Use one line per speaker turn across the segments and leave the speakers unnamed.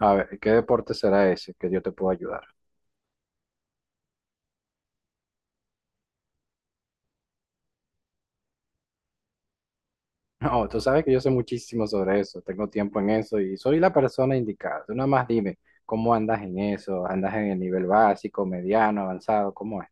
A ver, ¿qué deporte será ese que yo te puedo ayudar? No, tú sabes que yo sé muchísimo sobre eso, tengo tiempo en eso y soy la persona indicada. Tú nada más dime, ¿cómo andas en eso? ¿Andas en el nivel básico, mediano, avanzado? ¿Cómo es?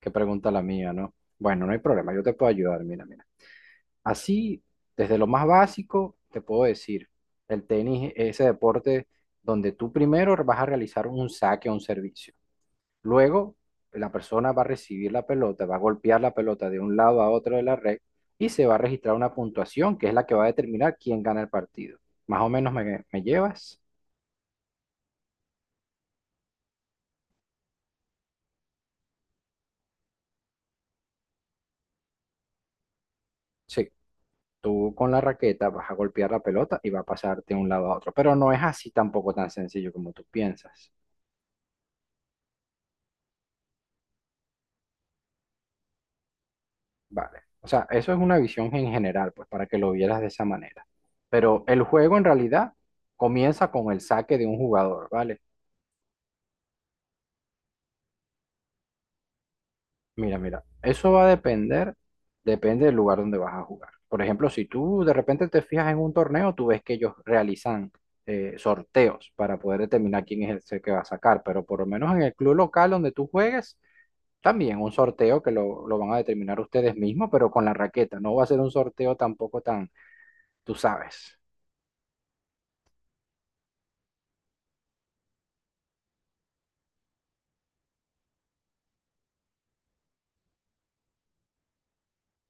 Qué pregunta la mía, ¿no? Bueno, no hay problema, yo te puedo ayudar, mira, mira. Así, desde lo más básico, te puedo decir, el tenis es ese deporte donde tú primero vas a realizar un saque o un servicio. Luego, la persona va a recibir la pelota, va a golpear la pelota de un lado a otro de la red y se va a registrar una puntuación que es la que va a determinar quién gana el partido. Más o menos me llevas. Sí, tú con la raqueta vas a golpear la pelota y va a pasarte de un lado a otro. Pero no es así tampoco tan sencillo como tú piensas. Vale. O sea, eso es una visión en general, pues para que lo vieras de esa manera. Pero el juego en realidad comienza con el saque de un jugador, ¿vale? Mira, mira, eso va a depender, depende del lugar donde vas a jugar. Por ejemplo, si tú de repente te fijas en un torneo, tú ves que ellos realizan sorteos para poder determinar quién es el que va a sacar, pero por lo menos en el club local donde tú juegues, también un sorteo que lo van a determinar ustedes mismos, pero con la raqueta. No va a ser un sorteo tampoco tan, tú sabes.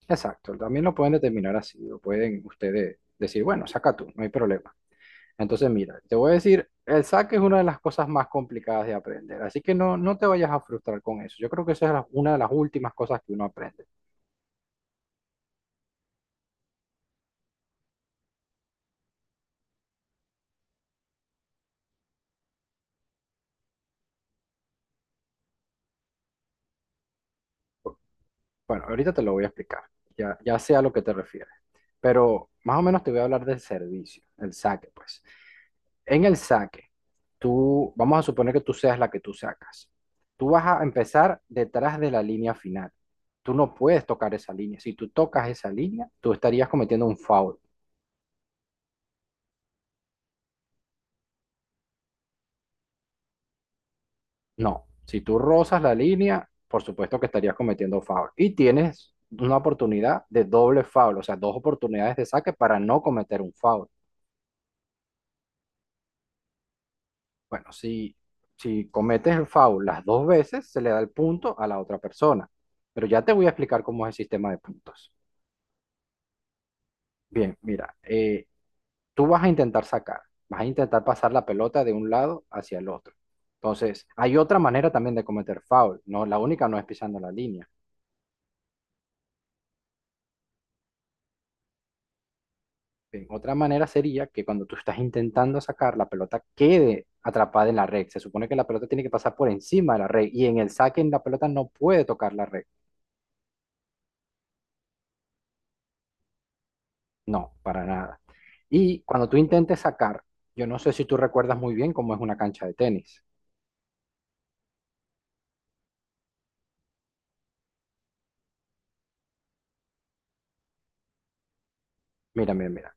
Exacto, también lo pueden determinar así, lo pueden ustedes decir, bueno, saca tú, no hay problema. Entonces, mira, te voy a decir, el saque es una de las cosas más complicadas de aprender, así que no, no te vayas a frustrar con eso. Yo creo que esa es una de las últimas cosas que uno aprende. Bueno, ahorita te lo voy a explicar, ya, ya sé a lo que te refieres, pero más o menos te voy a hablar del servicio, el saque, pues. En el saque, vamos a suponer que tú seas la que tú sacas. Tú vas a empezar detrás de la línea final. Tú no puedes tocar esa línea. Si tú tocas esa línea, tú estarías cometiendo un foul. No, si tú rozas la línea, por supuesto que estarías cometiendo foul. Y tienes una oportunidad de doble foul, o sea, dos oportunidades de saque para no cometer un foul. Bueno, si, si cometes el foul las dos veces, se le da el punto a la otra persona. Pero ya te voy a explicar cómo es el sistema de puntos. Bien, mira, tú vas a intentar sacar, vas a intentar pasar la pelota de un lado hacia el otro. Entonces, hay otra manera también de cometer foul, no, la única no es pisando la línea. Otra manera sería que cuando tú estás intentando sacar, la pelota quede atrapada en la red. Se supone que la pelota tiene que pasar por encima de la red y en el saque en la pelota no puede tocar la red. No, para nada. Y cuando tú intentes sacar, yo no sé si tú recuerdas muy bien cómo es una cancha de tenis. Mira, mira, mira.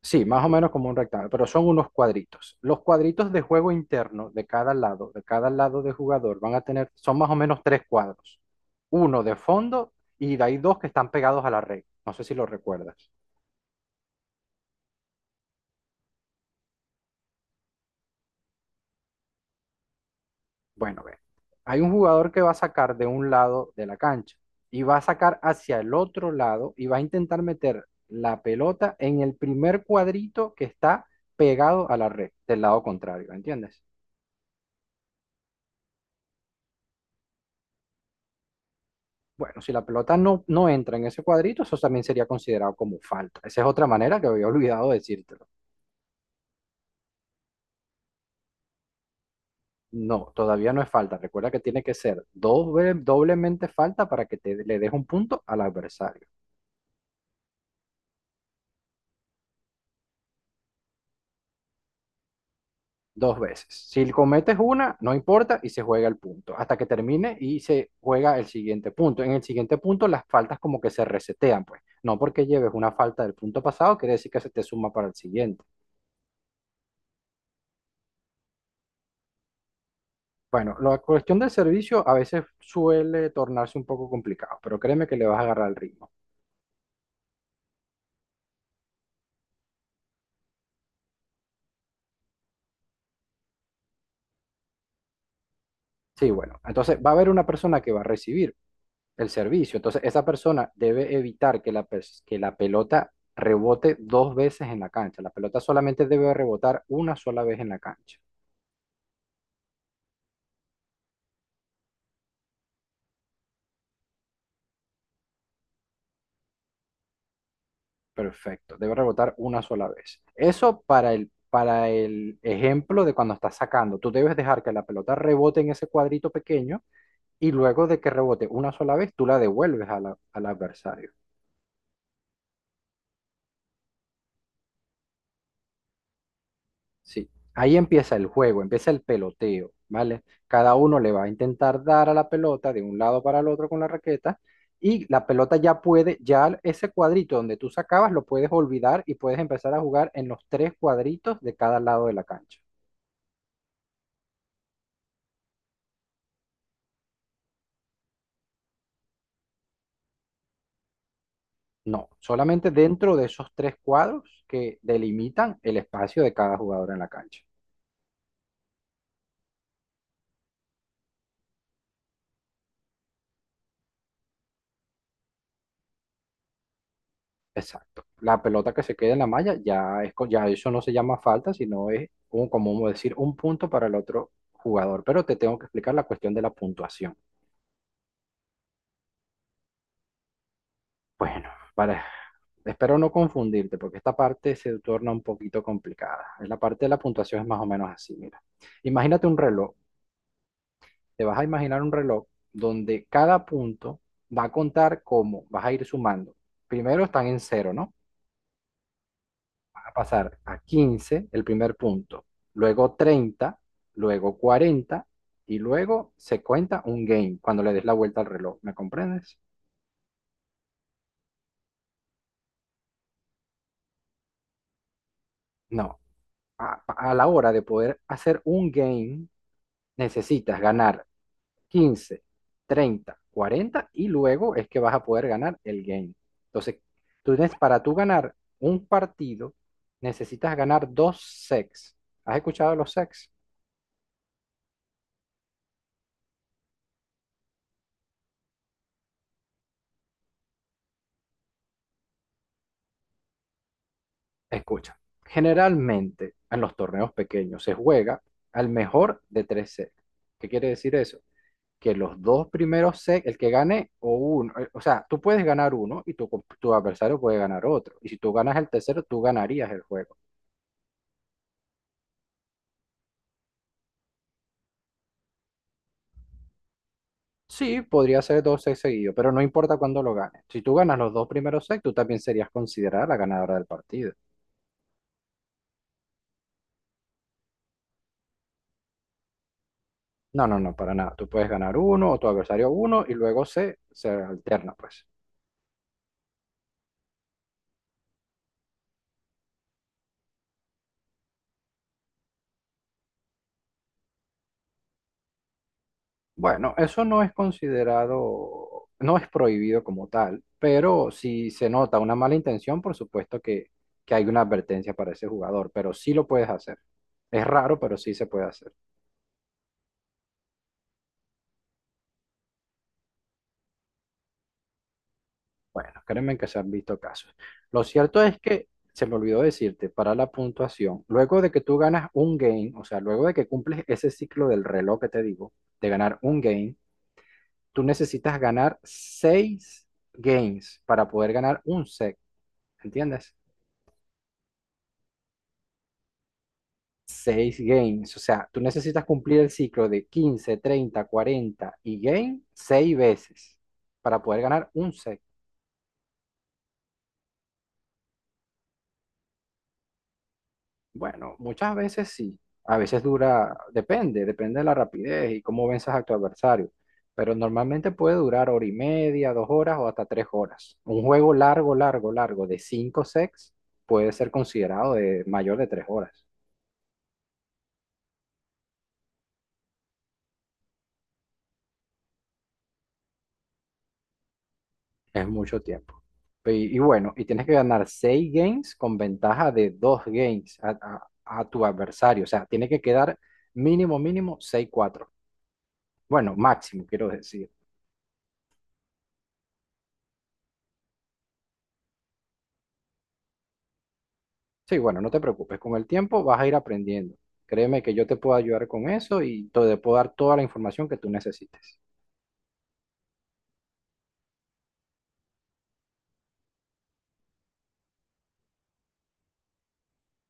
Sí, más o menos como un rectángulo, pero son unos cuadritos. Los cuadritos de juego interno de cada lado, de cada lado de jugador, van a tener, son más o menos tres cuadros. Uno de fondo y de ahí dos que están pegados a la red. No sé si lo recuerdas. Bueno, ve. Hay un jugador que va a sacar de un lado de la cancha y va a sacar hacia el otro lado y va a intentar meter la pelota en el primer cuadrito que está pegado a la red del lado contrario, ¿entiendes? Bueno, si la pelota no, no entra en ese cuadrito, eso también sería considerado como falta. Esa es otra manera que había olvidado decírtelo. No, todavía no es falta. Recuerda que tiene que ser doblemente falta para que le des un punto al adversario. Dos veces. Si cometes una, no importa y se juega el punto. Hasta que termine y se juega el siguiente punto. En el siguiente punto, las faltas como que se resetean, pues. No porque lleves una falta del punto pasado, quiere decir que se te suma para el siguiente. Bueno, la cuestión del servicio a veces suele tornarse un poco complicado, pero créeme que le vas a agarrar el ritmo. Sí, bueno, entonces va a haber una persona que va a recibir el servicio, entonces esa persona debe evitar que que la pelota rebote dos veces en la cancha. La pelota solamente debe rebotar una sola vez en la cancha. Perfecto, debe rebotar una sola vez. Eso para el ejemplo de cuando estás sacando, tú debes dejar que la pelota rebote en ese cuadrito pequeño y luego de que rebote una sola vez, tú la devuelves a al adversario. Sí. Ahí empieza el juego, empieza el peloteo, ¿vale? Cada uno le va a intentar dar a la pelota de un lado para el otro con la raqueta y la pelota ya puede, ya ese cuadrito donde tú sacabas lo puedes olvidar y puedes empezar a jugar en los tres cuadritos de cada lado de la cancha. No, solamente dentro de esos tres cuadros que delimitan el espacio de cada jugador en la cancha. Exacto. La pelota que se queda en la malla ya eso no se llama falta, sino como vamos a decir un punto para el otro jugador. Pero te tengo que explicar la cuestión de la puntuación. Bueno, para, espero no confundirte porque esta parte se torna un poquito complicada. La parte de la puntuación es más o menos así, mira. Imagínate un reloj. Te vas a imaginar un reloj donde cada punto va a contar como vas a ir sumando. Primero están en cero, ¿no? A pasar a 15 el primer punto, luego treinta, luego 40 y luego se cuenta un game cuando le des la vuelta al reloj. ¿Me comprendes? No. A, a la hora de poder hacer un game, necesitas ganar quince, treinta, 40 y luego es que vas a poder ganar el game. Entonces, tú tienes, para tú ganar un partido, necesitas ganar dos sets. ¿Has escuchado los sets? Escucha, generalmente en los torneos pequeños se juega al mejor de tres sets. ¿Qué quiere decir eso? Que los dos primeros sets, el que gane o uno, o sea, tú puedes ganar uno y tu adversario puede ganar otro. Y si tú ganas el tercero, tú ganarías el juego. Sí, podría ser dos sets seguidos, pero no importa cuándo lo ganes. Si tú ganas los dos primeros sets, tú también serías considerada la ganadora del partido. No, no, no, para nada. Tú puedes ganar uno o tu adversario uno y luego se, se alterna, pues. Bueno, eso no es considerado, no es prohibido como tal, pero si se nota una mala intención, por supuesto que, hay una advertencia para ese jugador, pero sí lo puedes hacer. Es raro, pero sí se puede hacer. Bueno, créeme que se han visto casos. Lo cierto es que, se me olvidó decirte, para la puntuación, luego de que tú ganas un game, o sea, luego de que cumples ese ciclo del reloj que te digo, de ganar un game, tú necesitas ganar seis games para poder ganar un set, ¿entiendes? Seis games. O sea, tú necesitas cumplir el ciclo de 15, 30, 40 y game seis veces para poder ganar un set. Bueno, muchas veces sí. A veces dura, depende, depende de la rapidez y cómo venzas a tu adversario. Pero normalmente puede durar hora y media, 2 horas o hasta 3 horas. Un juego largo, largo, largo de cinco sets puede ser considerado de mayor de 3 horas. Es mucho tiempo. Y bueno, y tienes que ganar seis games con ventaja de dos games a, a tu adversario. O sea, tiene que quedar mínimo, mínimo 6-4. Bueno, máximo, quiero decir. Sí, bueno, no te preocupes. Con el tiempo vas a ir aprendiendo. Créeme que yo te puedo ayudar con eso y te puedo dar toda la información que tú necesites.